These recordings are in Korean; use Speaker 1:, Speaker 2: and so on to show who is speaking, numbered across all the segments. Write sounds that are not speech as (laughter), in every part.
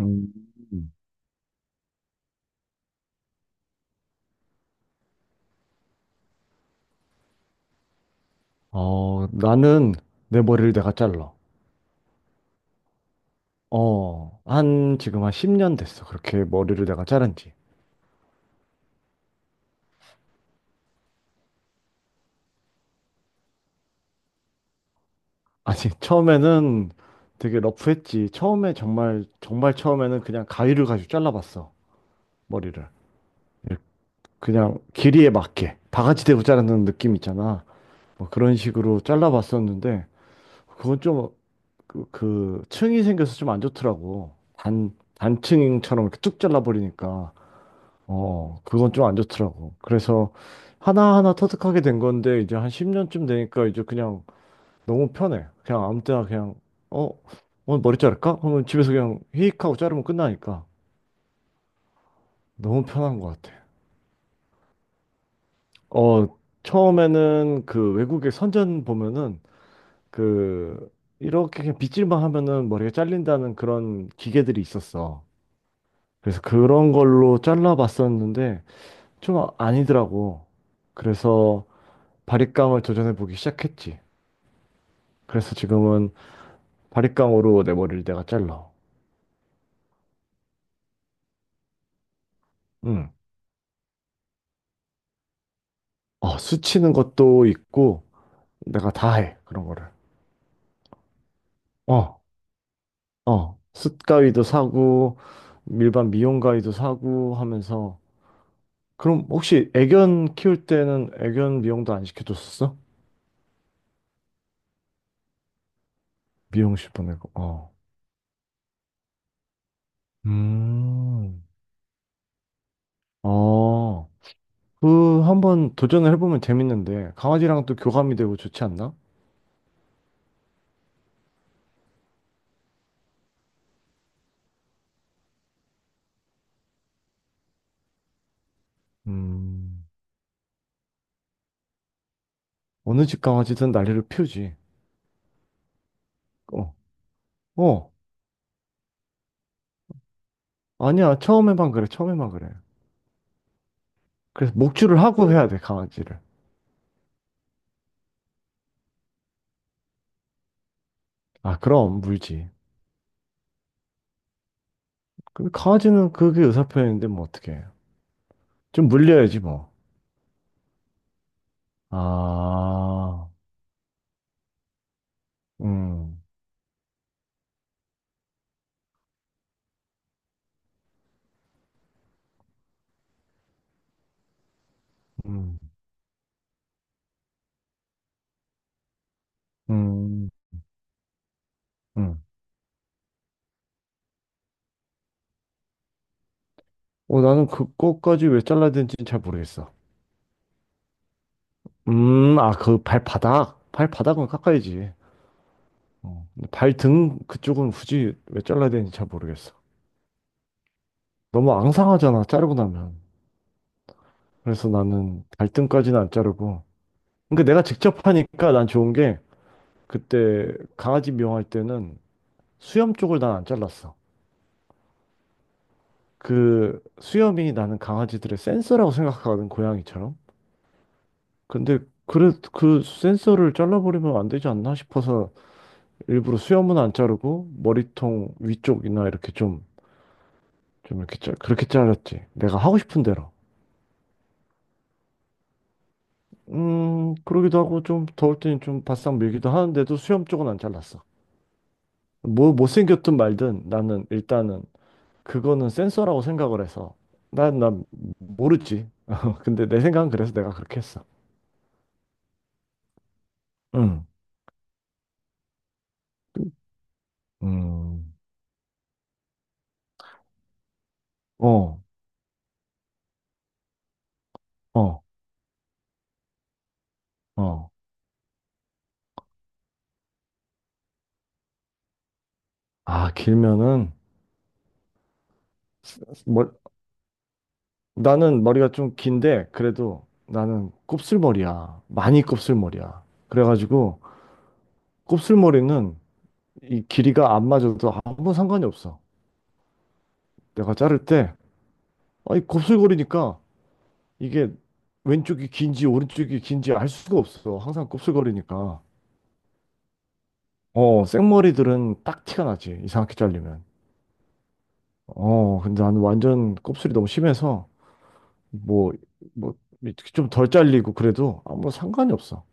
Speaker 1: 음. 어, 나는 내 머리를 내가 잘라. 어, 지금 한 10년 됐어. 그렇게 머리를 내가 자른 지. 아니, (laughs) 처음에는 되게 러프했지. 처음에 정말, 정말 처음에는 그냥 가위를 가지고 잘라봤어. 머리를. 이렇게 그냥 길이에 맞게. 바가지 대고 자르는 느낌 있잖아. 뭐 그런 식으로 잘라봤었는데, 그건 좀, 그 층이 생겨서 좀 안 좋더라고. 단층처럼 이렇게 쭉 잘라버리니까. 어, 그건 좀 안 좋더라고. 그래서 하나하나 터득하게 된 건데, 이제 한 10년쯤 되니까 이제 그냥 너무 편해. 그냥 아무 때나 그냥, 어, 오늘 머리 자를까? 그러면 집에서 그냥 히익 하고 자르면 끝나니까 너무 편한 것 같아. 어, 처음에는 그 외국의 선전 보면은 그 이렇게 그냥 빗질만 하면은 머리가 잘린다는 그런 기계들이 있었어. 그래서 그런 걸로 잘라봤었는데 좀 아니더라고. 그래서 바리깡을 도전해보기 시작했지. 그래서 지금은 바리깡으로 내 머리를 내가 잘라. 응. 어, 수치는 것도 있고, 내가 다 해, 그런 거를. 어, 어. 숯가위도 사고, 일반 미용가위도 사고 하면서. 그럼 혹시 애견 키울 때는 애견 미용도 안 시켜줬었어? 미용실 보내고, 어. 음. 어, 한번 도전을 해보면 재밌는데, 강아지랑 또 교감이 되고 좋지 않나? 음. 어느 집 강아지든 난리를 피우지. 어, 어, 아니야. 처음에만 그래, 처음에만 그래. 그래서 목줄을 하고 해야 돼, 강아지를. 아, 그럼 물지. 근데 강아지는 그게 의사표현인데 뭐 어떡해. 좀 물려야지 뭐. 아, 음, 음, 음, 음. 어, 나는 그거까지 왜 잘라야 되는지는 잘 모르겠어. 아, 그 발바닥. 발바닥은 깎아야지. 어, 근데 발등 그쪽은 굳이 왜 잘라야 되는지 잘 모르겠어. 너무 앙상하잖아, 자르고 나면. 그래서 나는 갈등까지는 안 자르고. 그러니까 내가 직접 하니까 난 좋은 게 그때 강아지 미용할 때는 수염 쪽을 난 안 잘랐어. 그 수염이 나는 강아지들의 센서라고 생각하거든, 고양이처럼. 근데 그래, 그 센서를 잘라버리면 안 되지 않나 싶어서 일부러 수염은 안 자르고 머리통 위쪽이나 이렇게 좀, 그렇게 잘랐지. 내가 하고 싶은 대로. 그러기도 하고 좀 더울 때는 좀 바싹 밀기도 하는데도 수염 쪽은 안 잘랐어. 뭐 못생겼든 말든 나는 일단은 그거는 센서라고 생각을 해서 난 모르지. (laughs) 근데 내 생각은 그래서 내가 그렇게 했어. 응. 음, 어, 어, 어. 아, 길면은 뭐, 나는 머리가 좀 긴데 그래도 나는 곱슬머리야. 많이 곱슬머리야. 그래가지고 곱슬머리는 이 길이가 안 맞아도 아무 상관이 없어. 내가 자를 때 아니 곱슬거리니까 이게 왼쪽이 긴지 오른쪽이 긴지 알 수가 없어. 항상 곱슬거리니까. 어, 생머리들은 딱 티가 나지. 이상하게 잘리면. 어, 근데 나는 완전 곱슬이 너무 심해서 뭐, 뭐, 좀 덜 잘리고 그래도 아무 상관이 없어.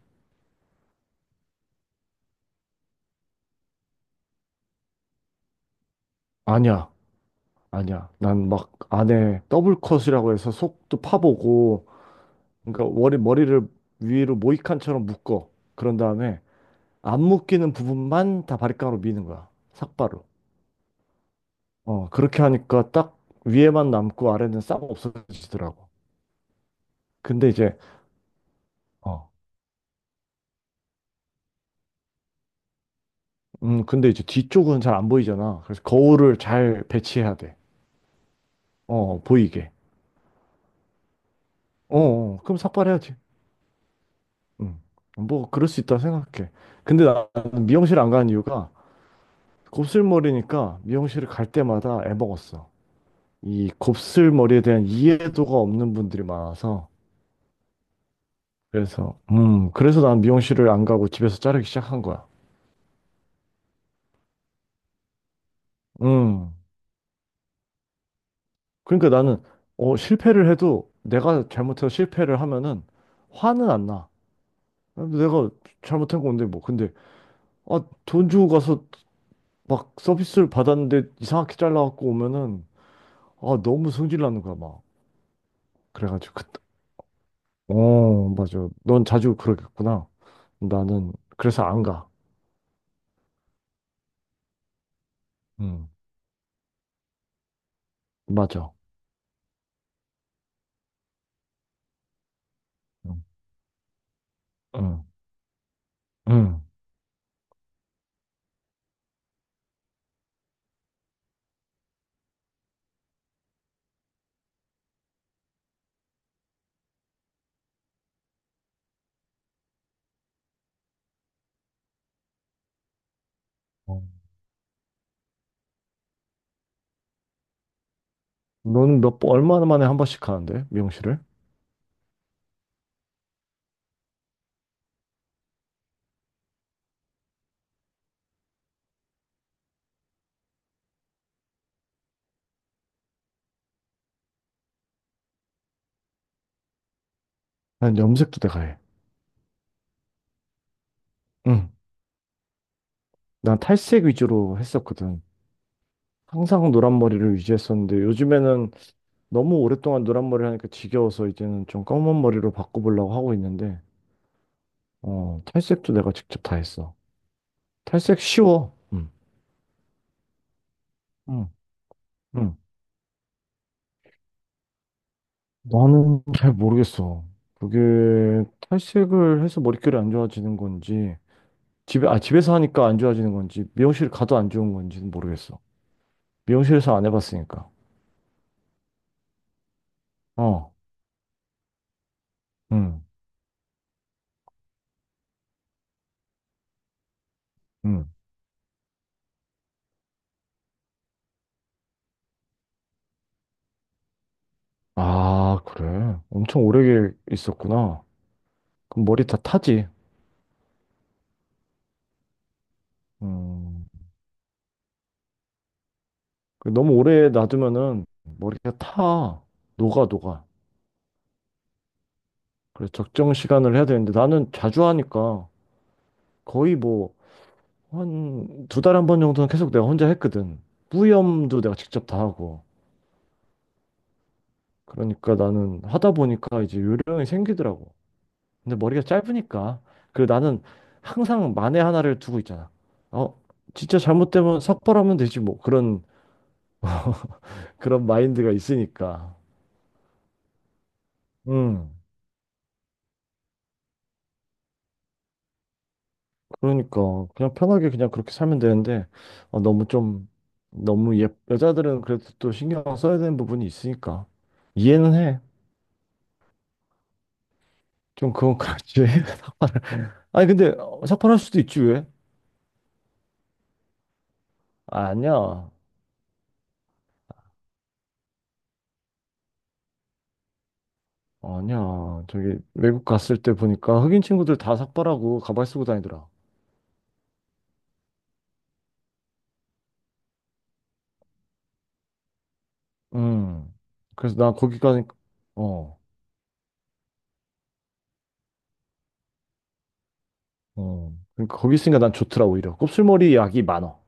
Speaker 1: 아니야, 아니야. 난 막 안에 더블 컷이라고 해서 속도 파보고, 그러니까 머리를 위로 모이칸처럼 묶어. 그런 다음에 안 묶이는 부분만 다 바리깡으로 미는 거야. 삭발로. 어, 그렇게 하니까 딱 위에만 남고 아래는 싹 없어지더라고. 근데 이제, 어, 근데 이제 뒤쪽은 잘 안 보이잖아. 그래서 거울을 잘 배치해야 돼. 어, 보이게. 어, 어, 그럼 삭발해야지. 음, 뭐, 그럴 수 있다 생각해. 근데 나는 미용실 안 가는 이유가 곱슬머리니까 미용실을 갈 때마다 애먹었어. 이 곱슬머리에 대한 이해도가 없는 분들이 많아서. 그래서 난 미용실을 안 가고 집에서 자르기 시작한 거야. 음, 그러니까 나는 실패를 해도 내가 잘못해서 실패를 하면은 화는 안 나. 내가 잘못한 건데 뭐. 근데 아, 돈 주고 가서 막 서비스를 받았는데 이상하게 잘라갖고 오면은 아 너무 성질 나는 거야 막. 그래가지고 그때 어 맞아 넌 자주 그러겠구나. 나는 그래서 안 가. 응 맞아. 응 응. 응. 어. 너는 몇 번 얼마나 만에 한 번씩 가는데 미용실을? 난 염색도 내가 해. 응. 난 탈색 위주로 했었거든. 항상 노란 머리를 유지했었는데 요즘에는 너무 오랫동안 노란 머리를 하니까 지겨워서 이제는 좀 검은 머리로 바꿔보려고 하고 있는데 어, 탈색도 내가 직접 다 했어. 탈색 쉬워. 응. 응. 응. 나는 잘 모르겠어. 그게 탈색을 해서 머릿결이 안 좋아지는 건지 집에서 하니까 안 좋아지는 건지 미용실 가도 안 좋은 건지는 모르겠어. 미용실에서 안 해봤으니까. 어. 응. 응. 아, 그래. 엄청 오래 있었구나. 그럼 머리 다 타지. 음, 너무 오래 놔두면은 머리가 타. 녹아, 녹아. 그래서 적정 시간을 해야 되는데 나는 자주 하니까 거의 뭐 한 두 달에 한 번 정도는 계속 내가 혼자 했거든. 뿌염도 내가 직접 다 하고. 그러니까 나는 하다 보니까 이제 요령이 생기더라고. 근데 머리가 짧으니까. 그리고 나는 항상 만에 하나를 두고 있잖아. 어, 진짜 잘못되면 삭발하면 되지 뭐. 그런 마인드가 있으니까. 음. 그러니까 그냥 편하게 그냥 그렇게 살면 되는데 어, 너무 좀 너무 예 여자들은 그래도 또 신경 써야 되는 부분이 있으니까 이해는 해. 좀 그건 그렇지. (laughs) 삭발을. 아니 근데 삭발할 수도 있지 왜? 아, 아니야. 아니야. 저기 외국 갔을 때 보니까 흑인 친구들 다 삭발하고 가발 쓰고 다니더라. 음. 그래서 나 거기 가니까 어. 어, 그러니까 거기 있으니까 난 좋더라 오히려. 곱슬머리 약이 많어.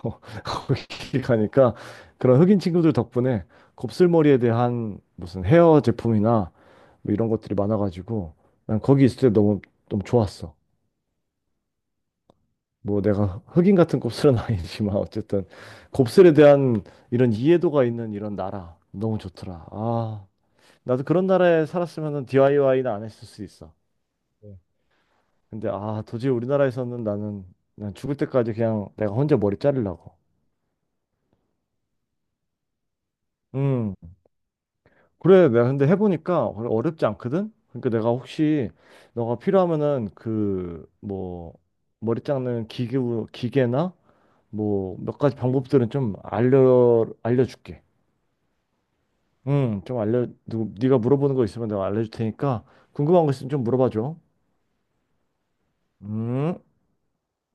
Speaker 1: (laughs) 거기 가니까 그런 흑인 친구들 덕분에 곱슬머리에 대한 무슨 헤어 제품이나 뭐 이런 것들이 많아가지고 난 거기 있을 때 너무 너무 좋았어. 뭐 내가 흑인 같은 곱슬은 (laughs) 아니지만 어쨌든 곱슬에 대한 이런 이해도가 있는 이런 나라 너무 좋더라. 아, 나도 그런 나라에 살았으면 DIY는 안 했을 수 있어. 근데 아 도저히 우리나라에서는 나는 난 죽을 때까지 그냥 내가 혼자 머리 자르려고. 음 그래 내가 근데 해보니까 어렵지 않거든. 그러니까 내가 혹시 너가 필요하면은 뭐 머리 자르는 기구 기계나 뭐 몇 가지 방법들은 좀 알려줄게. 좀 알려 누 네가 물어보는 거 있으면 내가 알려줄 테니까 궁금한 거 있으면 좀 물어봐 줘. 음.